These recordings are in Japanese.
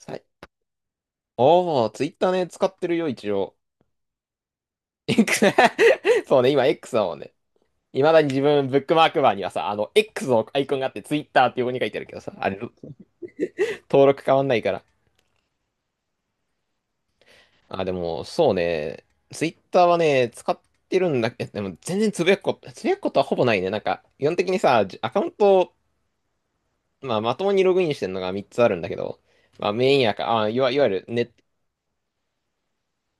さいツイッターね、使ってるよ、一応。X そうね、今 X だもんね。いまだに自分、ブックマークバーにはさ、X のアイコンがあって、ツイッターって横に書いてあるけどさ、あれ、登録変わんないから。あ、でも、そうね、ツイッターはね、使ってるんだけど、でも、全然つぶやくことはほぼないね。なんか、基本的にさ、アカウントを、まあ、まともにログインしてるのが3つあるんだけど、まあ、メインアカ、あ、いわ、いわゆる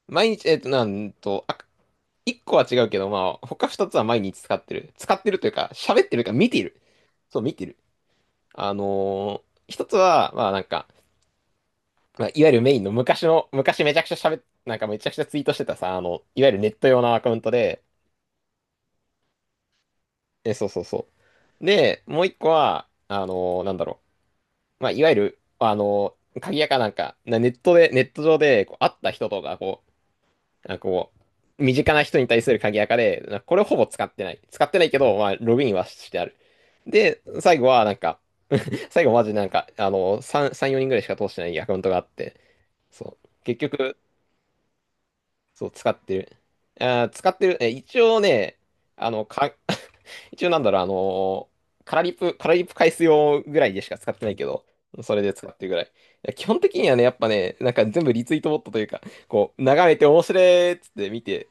毎日、えっと、なんと、あ、一個は違うけど、まあ、他二つは毎日使ってる。使ってるというか、喋ってるか、見てる。そう、見てる。一つは、まあ、いわゆるメインの昔めちゃくちゃ喋っ、なんかめちゃくちゃツイートしてたさ、あの、いわゆるネット用のアカウントで、え、そうそうそう。で、もう一個は、なんだろう。まあ、いわゆる、鍵屋かなんか、ネットで、ネット上で、こう、会った人とか、こう、なんかこ身近な人に対する鍵垢で、なんかこれをほぼ使ってない。使ってないけど、まあ、ログインはしてある。で、最後はなんか、最後マジなんか、あの、3、3、4人ぐらいしか通してないアカウントがあって、そう、結局、そう、使ってる。あー、使ってる。え、一応ね、あの、か、一応なんだろう、ーカラリップ返す用ぐらいでしか使ってないけど、それで使ってるぐらい。いや基本的にはね、やっぱね、なんか全部リツイートボットというか、こう、眺めて面白いっつって見て、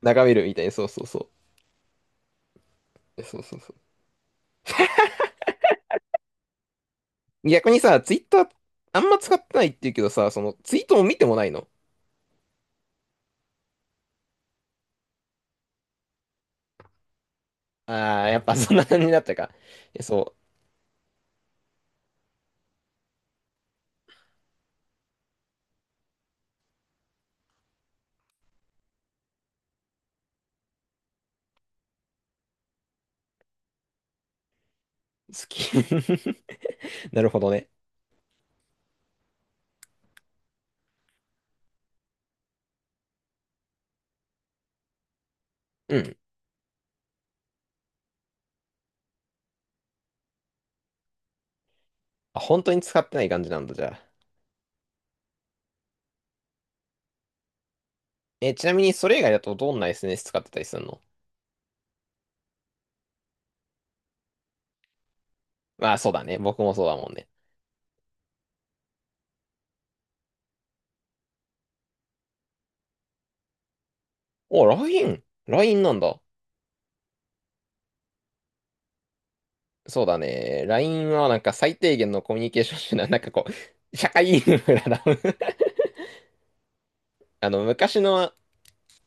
眺めるみたいな、そうそうそう。逆にさ、ツイッターあんま使ってないって言うけどさ、そのツイートも見てもないの。ああ、やっぱそんな感じになったか。え、そう。好き。なるほどね。うん。あ、本当に使ってない感じなんだ、じゃあ。え、ちなみにそれ以外だとどんな SNS 使ってたりするの。まあ、そうだね。僕もそうだもんね。お、LINE。LINE なんだ。そうだね。LINE はなんか最低限のコミュニケーション手段。なんかこう、社会インフラだ。あの、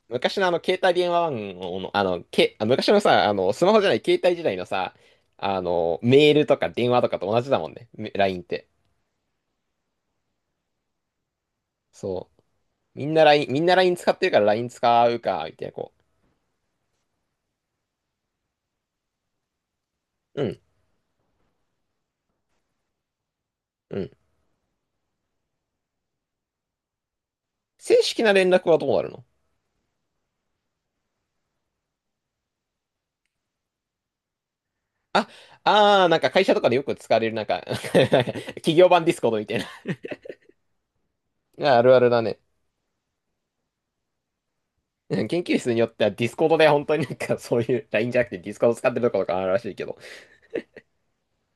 昔のあの、携帯電話番号の、昔のさ、あの、スマホじゃない携帯時代のさ、あの、メールとか電話とかと同じだもんね。LINE って。そう。みんな LINE、みんなライン使ってるから LINE 使うか、みたいな、こう。うん、うん。正式な連絡はどうなるの。あ、あー、なんか会社とかでよく使われる、なんか なんか 企業版ディスコードみたいな。ああるあるだね。うん研究室によってはディスコードで本当になんかそういう LINE じゃなくてディスコード使ってるところとかあるらしいけど。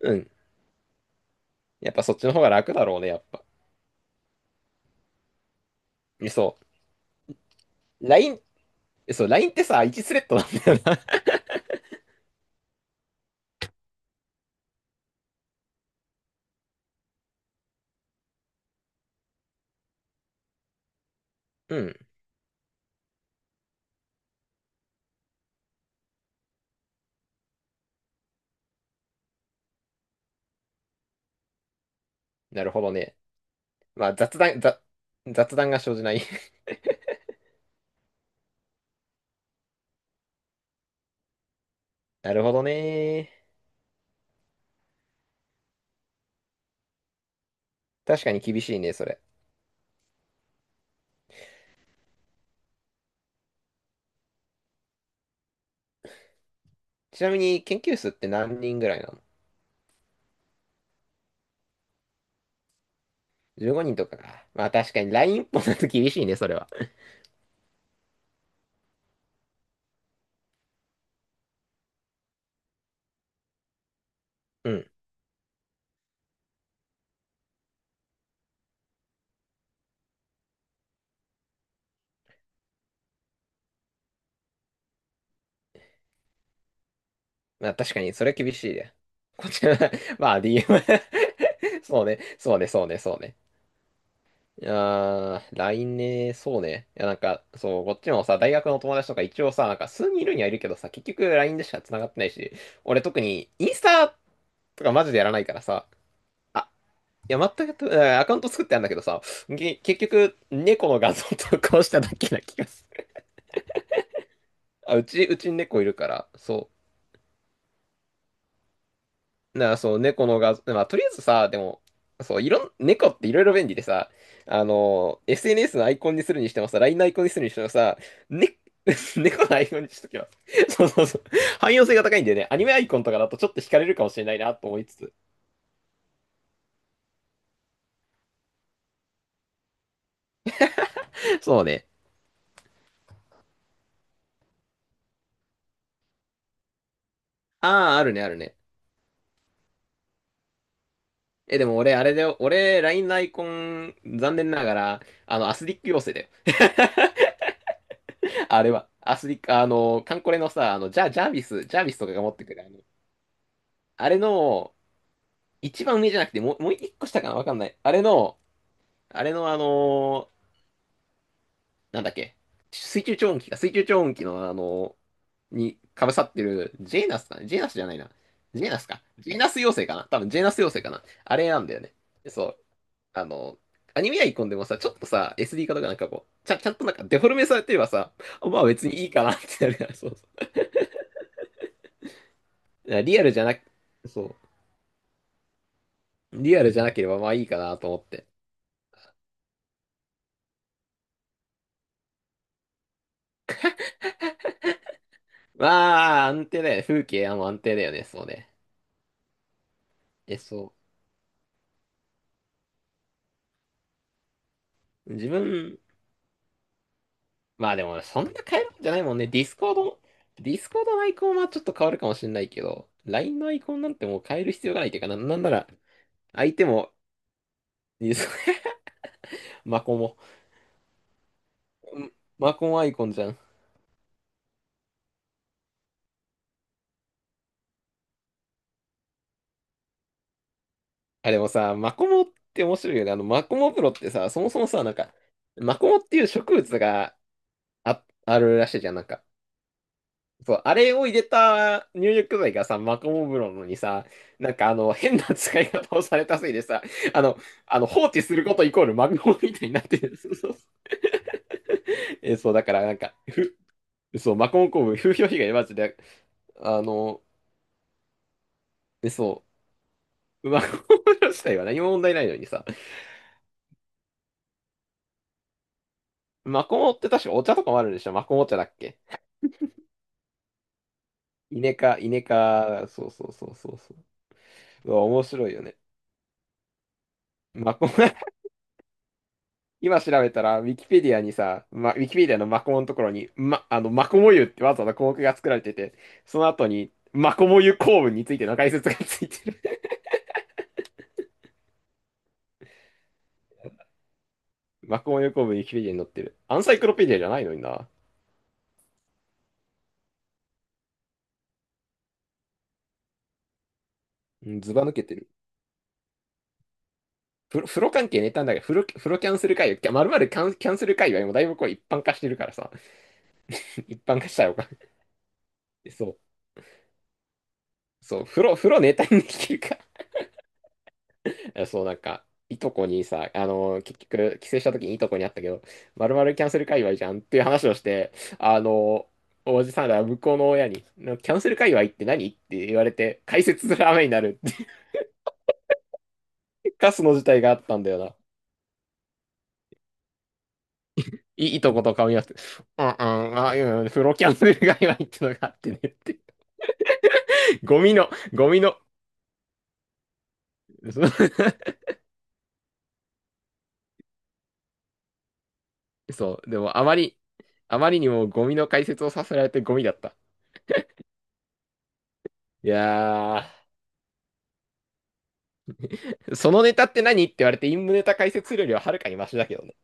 うん。やっぱそっちの方が楽だろうね、やっぱ。そう。そう、LINE ってさ、1スレッドなんだよな。 うん。なるほどね。まあ、雑談が生じない。 なるほどね。確かに厳しいね、それ。ちなみに、研究室って何人ぐらいなの？ 15 人とかか。まあ、確かに LINE 一本だと厳しいね、それは。うん。まあ、確かに、それ厳しいね。こちら、まあ、DM そうね、そうね。いやー、LINE ね、そうね。いや、なんか、そう、こっちもさ、大学の友達とか一応さ、なんか数人いるにはいるけどさ、結局 LINE でしか繋がってないし、俺特にインスタとかマジでやらないからさ、あ、いや、全くやって、えーアカウント作ってあるんだけどさ、結局、猫の画像投稿しただけな気がする。うちに猫いるから、そう。そう、猫の画像、まあ、とりあえずさ、でも、そう、いろん、猫っていろいろ便利でさ、あの、SNS のアイコンにするにしてもさ、LINE のアイコンにするにしてもさ、ね、猫のアイコンにしときます。そう。汎用性が高いんだよね。アニメアイコンとかだとちょっと惹かれるかもしれないなと思いつつ。そうね。ああ、あるね。え、でも俺、あれだよ。俺、LINE のアイコン、残念ながら、あの、アスリック妖精だよ。あれは、アスリック、あの、カンコレのさ、あの、ジャービスとかが持ってくる、あの、あれの、一番上じゃなくて、もう、もう一個下かなわかんない。あれのあのーなんだっけ、水中超音機のあのーに被さってる、ジェーナスじゃないな。ジェーナスか。ジェーナス妖精かな多分ジェーナス妖精かな。あれなんだよね。そう。あのーアニメアイコンでもさ、ちょっとさ、SD 化とかなんかこう、ちゃんとなんかデフォルメされてればさ、まあ別にいいかなってなるから、そうそう。だからリアルじゃなく、そう。リアルじゃなければまあいいかなと思って。まあ、安定だよね。風景はもう安定だよね。そうね。え、そう。自分、まあでも、そんな変えるんじゃないもんね。ディスコードのアイコンはちょっと変わるかもしれないけど、LINE のアイコンなんてもう変える必要がないっていうかな、なんなら、相手も、ディス マコモ。んマコモアイコンじゃん。あ、でもさ、マコモって面白いよね。あの、マコモプロってさ、そもそもさ、なんか、マコモっていう植物があるらしいじゃん。なんか、そう、あれを入れた入浴剤がさ、マコモ風呂のにさ、なんかあの、変な使い方をされたせいでさ、あの、あの放置することイコールマコモみたいになってる。そうそう。え、そう、だからなんか、ふ、そう、マコモ工部、風評被害マジで、あの、え、そう、マコモ風呂自体は何も問題ないのにさ、マコモって確かお茶とかもあるんでしょ。マコモ茶だっけ。イネ科、そう。うわ面白いよね。マコモ今調べたら、ウィキペディアのマコモのところに、ま、あの、マコモ湯ってわざわざ項目が作られてて、その後に、マコモ湯構文についての解説がついてる。 マコモ湯構文ウィキペディアに載ってる。アンサイクロペディアじゃないのにな。うんずば抜けてる。風呂関係ネタなんだけど、風呂キャンセル界隈、まるまるキャン、キャンセル界隈もだいぶこう一般化してるからさ、一般化したよか。そう、風呂ネタにできるか。えそう、なんか、いとこにさ、あのー結局、帰省した時にいとこに会ったけど、まるまるキャンセル界隈じゃんっていう話をして、あのーおじさんら向こうの親に、なキャンセル界隈って何って言われて、解説する雨になるっていうカスの事態があったんだよな。いとこと顔見合わせて、うんうん、あ、うん、プロキャンセル界隈ってのがあってねって。ゴミの、そう、そうでもあまり、あまりにもゴミの解説をさせられてゴミだった。いやー。そのネタって何って言われて、陰夢ネタ解説するよりははるかにマシだけどね。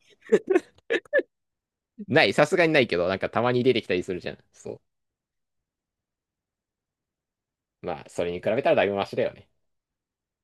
ない、さすがにないけど、なんかたまに出てきたりするじゃん。そう。まあ、それに比べたらだいぶマシだよね。